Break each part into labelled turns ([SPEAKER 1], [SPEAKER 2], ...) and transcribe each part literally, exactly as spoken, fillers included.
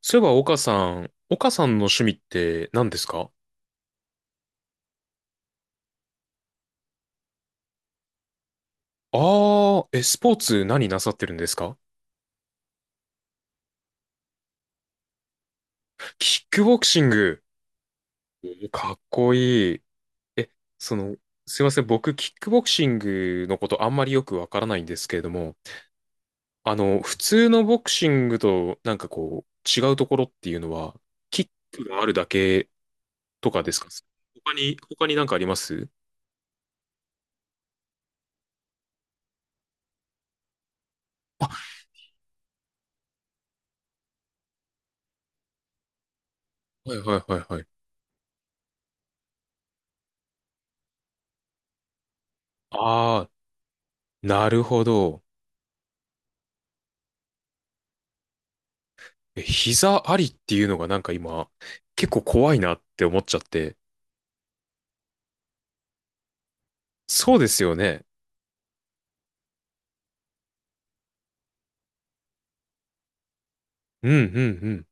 [SPEAKER 1] そういえば、岡さん、岡さんの趣味って何ですか？あ、あー、え、スポーツ何なさってるんですか？キックボクシング。おかっこいい。え、その、すいません、僕、キックボクシングのことあんまりよくわからないんですけれども、あの、普通のボクシングとなんかこう、違うところっていうのは、キックがあるだけとかですか？他に、他になんかあります？はいはいはいはい。ああ、なるほど。え、膝ありっていうのがなんか今、結構怖いなって思っちゃって。そうですよね。うんうんうん。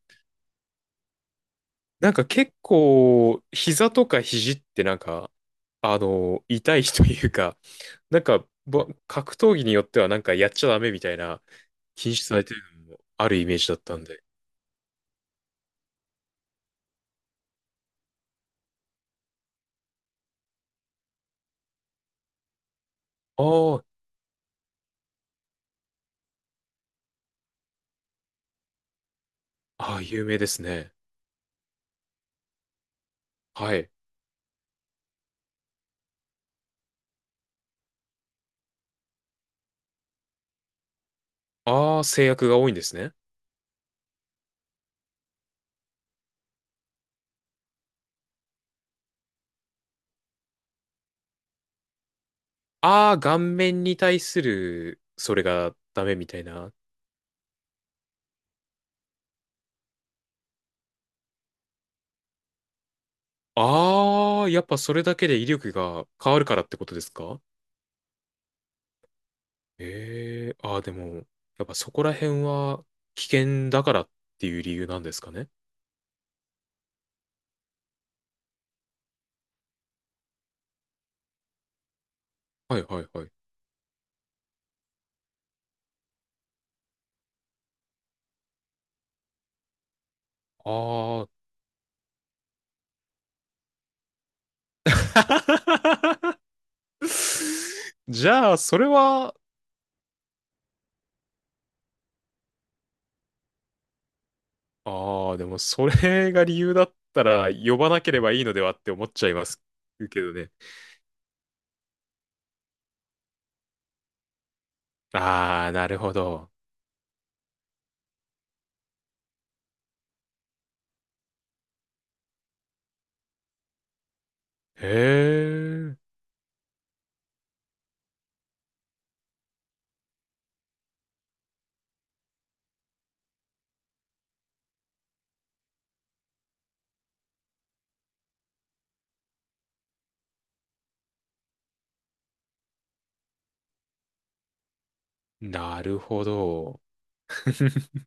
[SPEAKER 1] なんか結構、膝とか肘ってなんか、あの、痛いというか、なんか、ぼ格闘技によってはなんかやっちゃダメみたいな禁止されてるのもあるイメージだったんで。あー、あー、有名ですね。はい。ああ、制約が多いんですね。ああ、顔面に対する、それがダメみたいな。ああ、やっぱそれだけで威力が変わるからってことですか？ええー、ああ、でも、やっぱそこら辺は危険だからっていう理由なんですかね。はいはいはい。ああ。じゃあ、それは、ああ、でもそれが理由だったら呼ばなければいいのではって思っちゃいますけどね。ああ、なるほど。へえ、なるほど。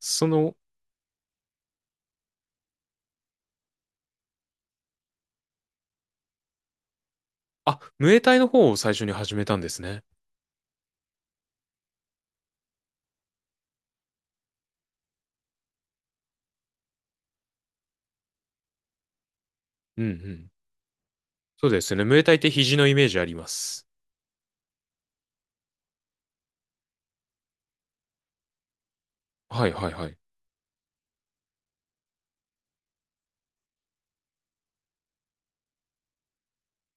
[SPEAKER 1] その、あ、ムエタイの方を最初に始めたんですね。うんうん。そうですね。ムエタイって肘のイメージあります。はいはいはい。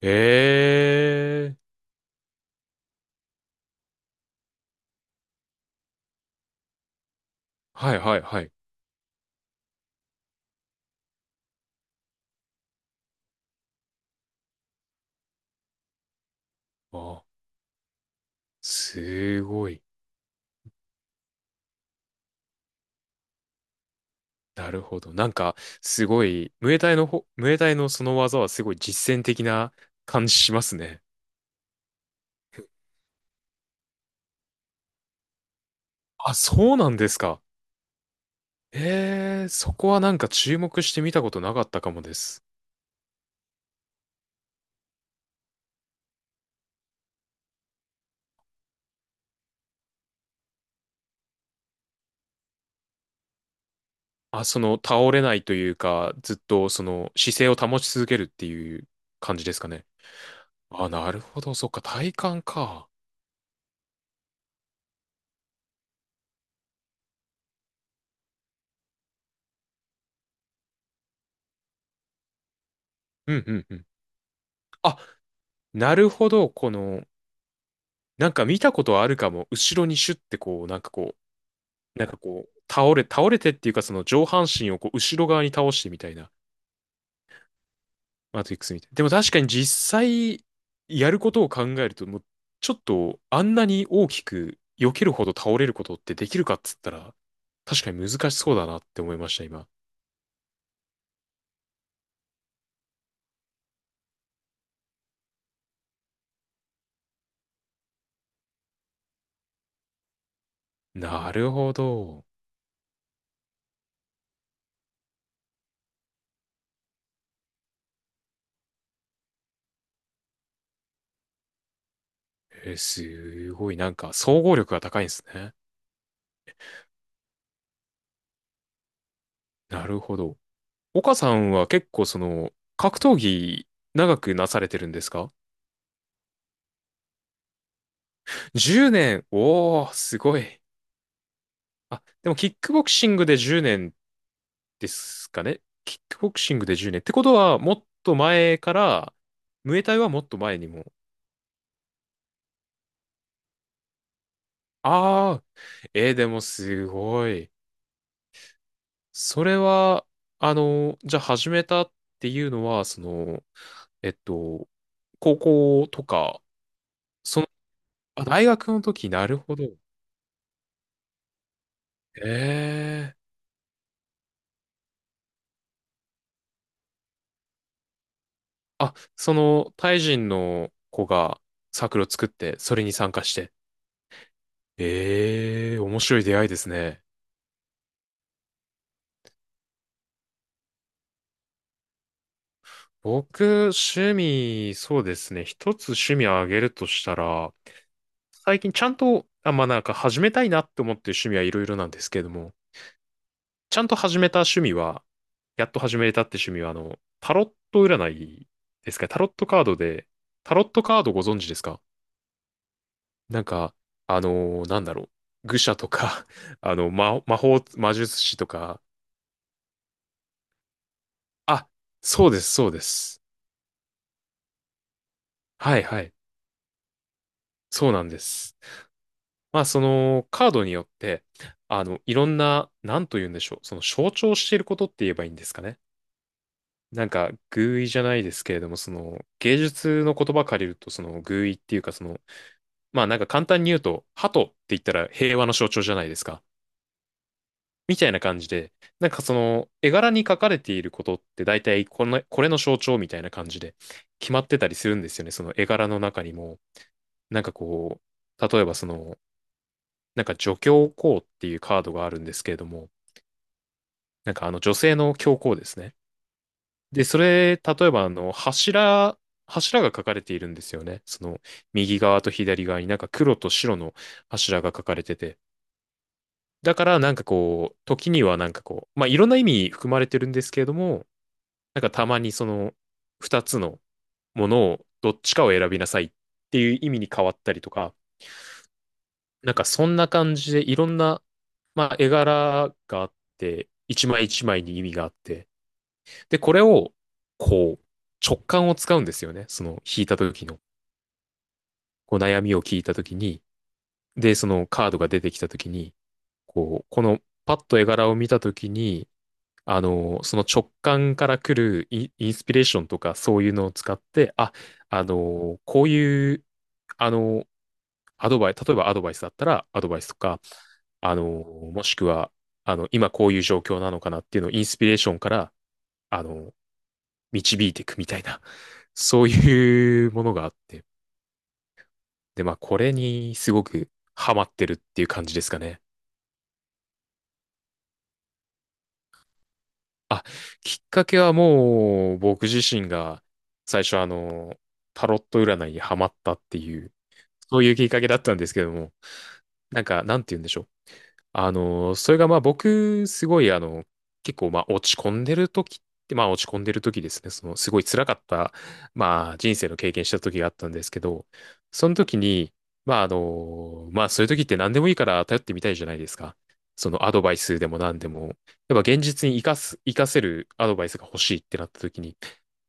[SPEAKER 1] ええ。はいはいはい。あ、すごい。なるほど。なんか、すごい、ムエタイのほ、ムエタイのその技はすごい実践的な感じしますね。あ、そうなんですか。ええ、そこはなんか注目してみたことなかったかもです。あ、その倒れないというか、ずっとその姿勢を保ち続けるっていう感じですかね。あ、なるほど。そっか、体感か。うんうんうん。あ、なるほど。この、なんか見たことあるかも。後ろにシュッてこう、なんかこう、なんかこう、倒れ、倒れてっていうか、その上半身をこう、後ろ側に倒してみたいな、マトリックスみたいな。でも確かに実際、やることを考えると、もう、ちょっと、あんなに大きく、避けるほど倒れることってできるかっつったら、確かに難しそうだなって思いました、今。なるほど。えー、すごい、なんか、総合力が高いんですね。なるほど。岡さんは結構その、格闘技長くなされてるんですか？ じゅう 年。おー、すごい。あ、でもキックボクシングでじゅうねんですかね。キックボクシングでじゅうねん。ってことは、もっと前から、ムエタイはもっと前にも。あー、えー、でもすごい。それは、あの、じゃあ始めたっていうのは、その、えっと、高校とか、その、あ、大学の時、なるほど。ええ。あ、その、タイ人の子がサークルを作って、それに参加して。ええ、面白い出会いですね。僕、趣味、そうですね。一つ趣味をあげるとしたら、最近ちゃんと、あ、まあ、なんか始めたいなって思ってる趣味はいろいろなんですけれども、ちゃんと始めた趣味は、やっと始めたって趣味は、あの、タロット占いですか。タロットカードで、タロットカードご存知ですか？なんか、あのーなんだろう。愚者とか あの、魔、魔法、魔術師とか。あ、そうです、そうです。はいはい。そうなんです。まあ、その、カードによって、あの、いろんな、なんと言うんでしょう。その、象徴していることって言えばいいんですかね。なんか、寓意じゃないですけれども、その、芸術の言葉借りると、その、寓意っていうか、その、まあ、なんか簡単に言うと、鳩って言ったら平和の象徴じゃないですか。みたいな感じで、なんかその絵柄に書かれていることって大体この、これの象徴みたいな感じで決まってたりするんですよね。その絵柄の中にも、なんかこう、例えばその、なんか女教皇っていうカードがあるんですけれども、なんかあの女性の教皇ですね。で、それ、例えばあの柱、柱が書かれているんですよね。その右側と左側になんか黒と白の柱が書かれてて。だからなんかこう、時にはなんかこう、まあいろんな意味含まれてるんですけれども、なんかたまにその二つのものをどっちかを選びなさいっていう意味に変わったりとか、なんかそんな感じでいろんな、まあ、絵柄があって、一枚一枚に意味があって、で、これをこう直感を使うんですよね。その引いた時の、こう悩みを聞いた時に、で、そのカードが出てきた時に、こう、このパッと絵柄を見た時に、あの、その直感から来るイン、インスピレーションとかそういうのを使って、あ、あの、こういう、あの、アドバイ、例えばアドバイスだったらアドバイスとか、あの、もしくは、あの、今こういう状況なのかなっていうのをインスピレーションから、あの、導いていくみたいな、そういうものがあって。で、まあ、これにすごくハマってるっていう感じですかね。あ、きっかけはもう僕自身が最初あの、タロット占いにハマったっていう、そういうきっかけだったんですけども、なんか、なんて言うんでしょう。あの、それがまあ僕、すごいあの、結構まあ落ち込んでる時って、まあ落ち込んでる時ですね、そのすごい辛かった、まあ人生の経験した時があったんですけど、その時に、まああの、まあそういう時って何でもいいから頼ってみたいじゃないですか。そのアドバイスでも何でも。やっぱ現実に生かす、生かせるアドバイスが欲しいってなった時に、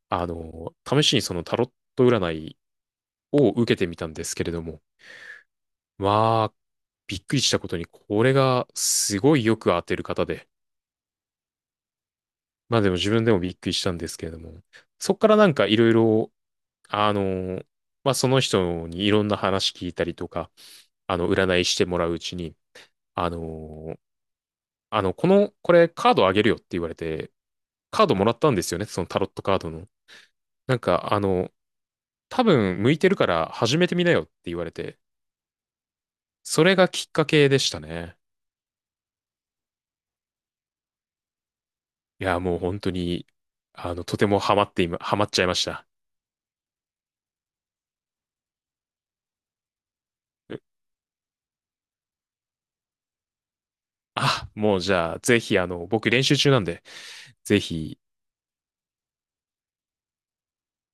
[SPEAKER 1] あの、試しにそのタロット占いを受けてみたんですけれども、まあ、びっくりしたことに、これがすごいよく当てる方で。まあでも自分でもびっくりしたんですけれども。そっからなんかいろいろ、あの、まあその人にいろんな話聞いたりとか、あの、占いしてもらううちに、あの、あの、この、これカードあげるよって言われて、カードもらったんですよね、そのタロットカードの。なんか、あの、多分向いてるから始めてみなよって言われて、それがきっかけでしたね。いや、もう本当に、あの、とてもハマって今、ハマっちゃいました。あ、もうじゃあ、ぜひ、あの、僕練習中なんで、ぜひ、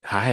[SPEAKER 1] はい。